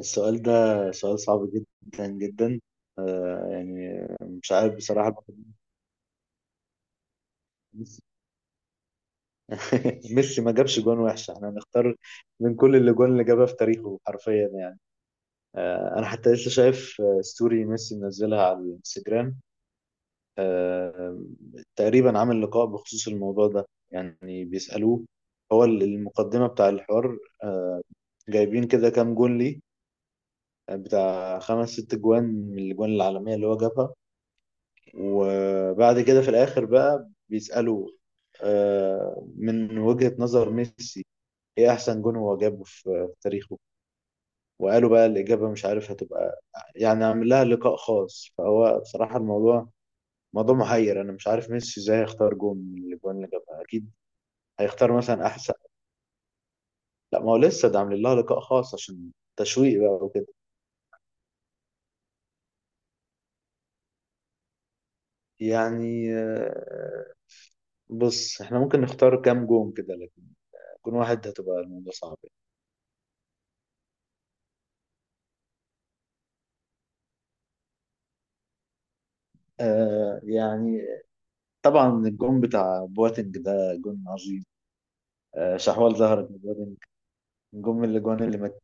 السؤال ده سؤال صعب جدا جدا. يعني مش عارف بصراحة. ميسي ما جابش جون وحش، احنا هنختار من كل اللي جون اللي جابها في تاريخه حرفيا يعني. انا حتى لسه شايف ستوري ميسي منزلها على الانستجرام. آه تقريبا عامل لقاء بخصوص الموضوع ده، يعني بيسألوه هو المقدمة بتاع الحوار. آه، جايبين كده كام جون ليه؟ بتاع خمس ست جوان من الجوان العالمية اللي هو جابها، وبعد كده في الآخر بقى بيسألوا من وجهة نظر ميسي ايه احسن جون هو جابه في تاريخه. وقالوا بقى الإجابة مش عارف هتبقى، يعني عامل لها لقاء خاص. فهو بصراحة الموضوع موضوع محير، انا مش عارف ميسي ازاي هيختار جون من الاجوان اللي جابها. اكيد هيختار مثلا احسن. لا، ما هو لسه ده عامل لها لقاء خاص عشان تشويق بقى وكده. يعني بص، احنا ممكن نختار كام جون كده لكن جون واحد هتبقى الموضوع صعب. آه يعني طبعا الجون بتاع بواتنج ده جون عظيم. شحوال ظهرت لبواتنج، جون من الاجوان اللي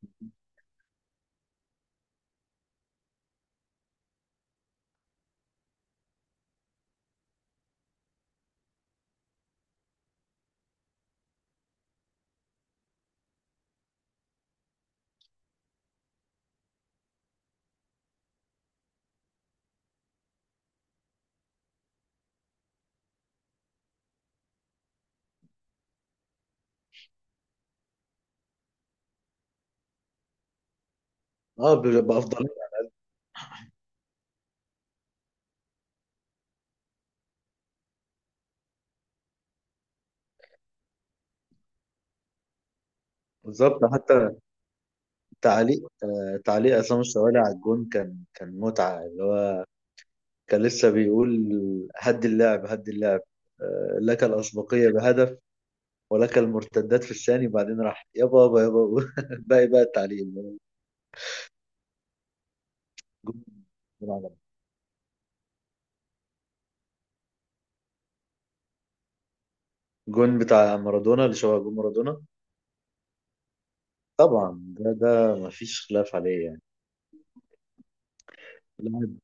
اه، بافضليه. بالظبط. حتى تعليق، تعليق عصام الشوالي على الجون كان متعه، اللي هو كان لسه بيقول: هد اللعب هد اللعب، لك الاسبقيه بهدف ولك المرتدات في الثاني، بعدين راح يابا يابا يابا. باقي بقى التعليق اللي هو جون، جون عالمي. جون بتاع مارادونا اللي شبه جون مارادونا. طبعا ده مفيش خلاف عليه يعني. لاعب.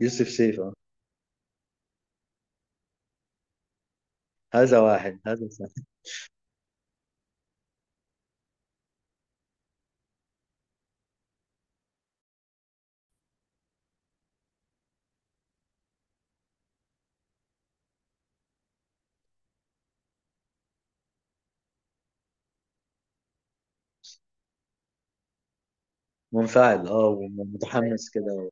يوسف سيف، آه. هذا واحد هذا ثاني. منفعل، اه، ومتحمس كده.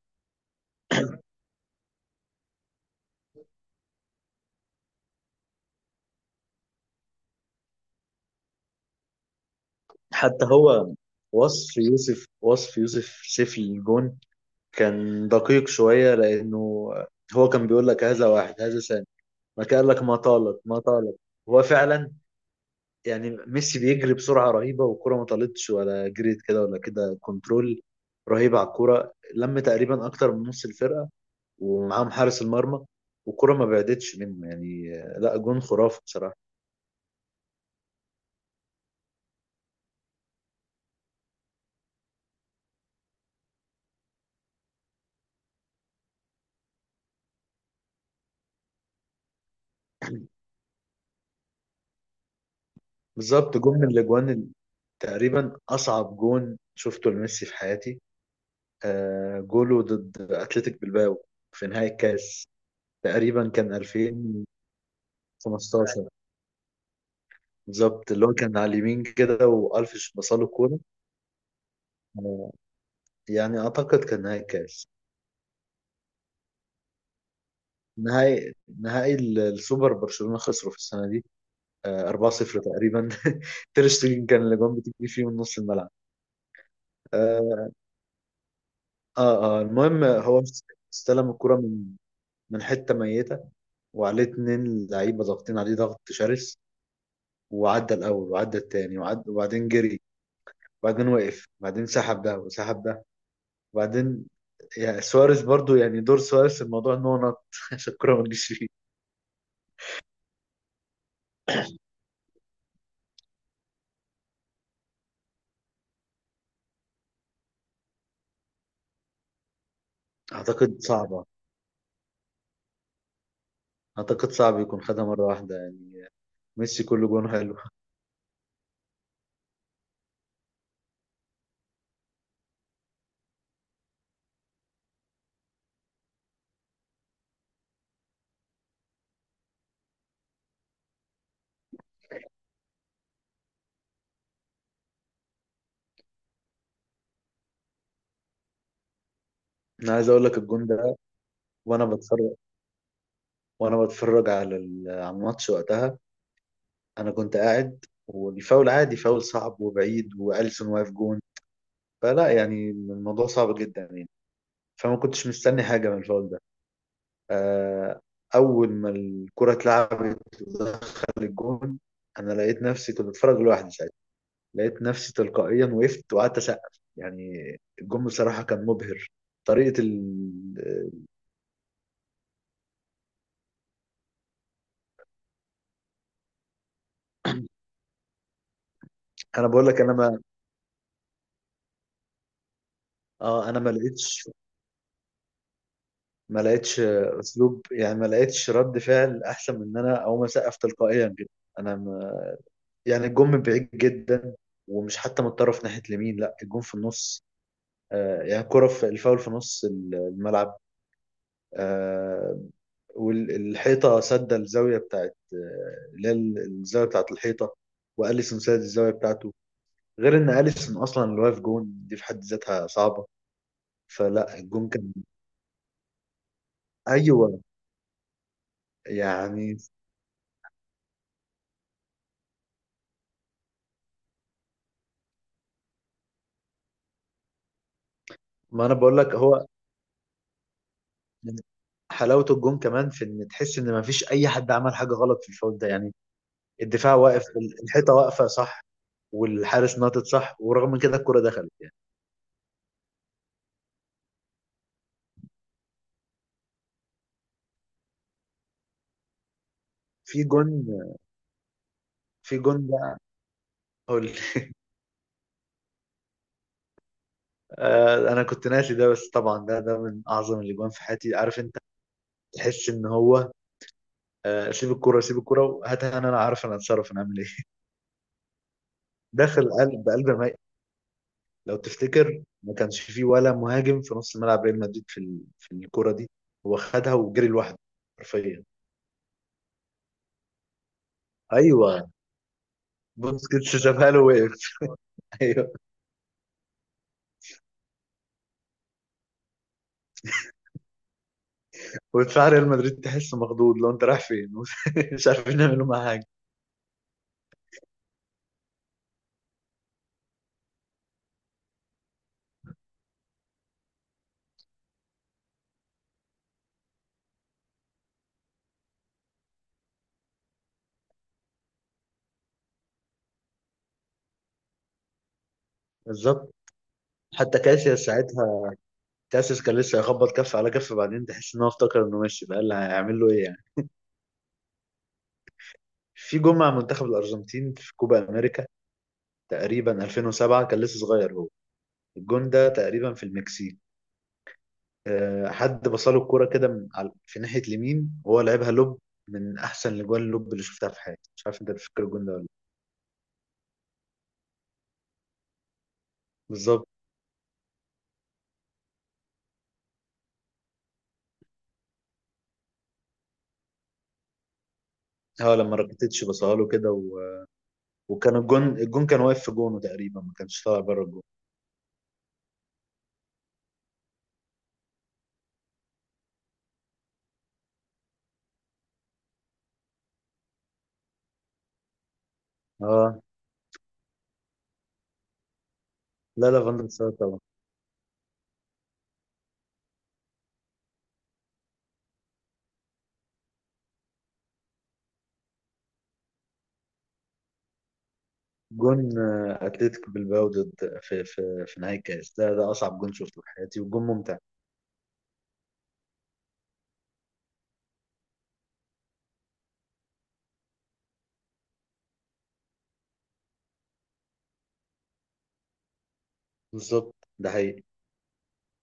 حتى هو وصف يوسف سيف الجون، كان دقيق شوية، لأنه هو كان بيقول لك: هذا واحد هذا ثاني، ما كان قال لك ما طالت ما طالت. هو فعلا، يعني ميسي بيجري بسرعة رهيبة والكرة ما طالتش ولا جريت كده ولا كده. كنترول رهيب على الكرة، لم تقريبا أكتر من نص الفرقة ومعاهم حارس المرمى، والكرة ما بعدتش منه يعني. لا، جون خرافي بصراحة. بالظبط، جون من الاجوان. تقريبا أصعب جون شفته لميسي في حياتي، جوله ضد أتلتيك بلباو في نهائي الكاس. تقريبا كان 2015. بالظبط، اللي هو كان على اليمين كده وألفيش بصاله كورة. آه، يعني أعتقد كان نهائي الكاس. نهائي، نهائي السوبر. برشلونة خسروا في السنة دي 4-0 تقريبا. تير شتيجن كان الأجوان بتجي فيه من نص الملعب. اه، اه. المهم هو استلم الكرة من حتة ميتة، وعليه اتنين لعيبة ضاغطين عليه ضغط شرس، وعدى الأول وعدى التاني وبعدين جري، وبعدين وقف، وبعدين سحب ده وسحب ده، وبعدين يعني سواريز برضو، يعني دور سواريز في الموضوع إن هو نط عشان الكورة ما تجيش فيه. أعتقد صعبة. أعتقد صعب يكون خدها مرة واحدة يعني، ميسي كل جون حلو. أنا عايز أقول لك الجون ده، وأنا بتفرج، وأنا بتفرج على على الماتش وقتها. أنا كنت قاعد والفاول عادي، فاول صعب وبعيد وأليسون واقف جون. فلا يعني الموضوع صعب جدا يعني، فما كنتش مستني حاجة من الفاول ده. آه، أول ما الكرة اتلعبت ودخل الجون، أنا لقيت نفسي كنت بتفرج لوحدي ساعتها، لقيت نفسي تلقائيا وقفت وقعدت أسقف يعني. الجون بصراحة كان مبهر، طريقة ال... أنا بقول لك، أنا ما لقيتش أسلوب. يعني ما لقيتش رد فعل أحسن من إن أنا أقوم أسقف تلقائيا كده. أنا يعني الجون من بعيد جدا، ومش حتى متطرف ناحية اليمين، لا الجون في النص. يعني كرة في الفاول في نص الملعب. آه والحيطة سد الزاوية بتاعت، اللي هي الزاوية بتاعت الحيطة. وأليسون سد الزاوية بتاعته. غير إن أليسون أصلا اللي واقف جون دي في حد ذاتها صعبة. فلا الجون كان. أيوه. يعني ما أنا بقول لك، هو حلاوة الجون كمان في إن تحس إن ما فيش أي حد عمل حاجة غلط في الفاول ده يعني. الدفاع واقف، الحيطة واقفة صح، والحارس نطت صح، ورغم من كده الكرة دخلت يعني. في جون، في جون بقى، هو انا كنت ناسي ده، بس طبعا ده من اعظم الاجوان في حياتي، عارف انت. تحس ان هو سيب الكرة، سيب الكرة وهاتها، انا عارف، انا اتصرف، انا اعمل ايه؟ داخل قلب ميت. لو تفتكر ما كانش فيه ولا مهاجم في نص ملعب ريال مدريد في الكرة دي. هو خدها وجري لوحده حرفيا. ايوه، بوسكيتس سابها له، وقف. ايوه، ودفاع ريال مدريد تحسه مخضوض، لو انت رايح فين؟ مش عارفين نعمله معاه حاجة. بالظبط. حتى كاسياس ساعتها، كاسياس كان لسه يخبط كف على كف، بعدين تحس ان هو افتكر انه ماشي بقى، اللي هيعمل له ايه يعني. في جون مع منتخب الارجنتين في كوبا امريكا، تقريبا 2007، كان لسه صغير هو. الجون ده تقريبا في المكسيك. أه، حد بصله الكرة كده من في ناحية اليمين وهو لعبها لوب. من احسن الاجوان اللوب اللي شفتها في حياتي، مش عارف انت بتفكر الجون ده ولا لأ. بالظبط. اه، لما راكيتيتش بصها له كده و... وكان الجون، الجون كان واقف في جونه تقريبا، ما كانش طالع بره الجون. اه، لا لا، فاندر سار. جون اتلتيك بالباو ضد في نهائي الكاس، ده اصعب جون شفته في حياتي وجون ممتع. بالظبط، ده حقيقي.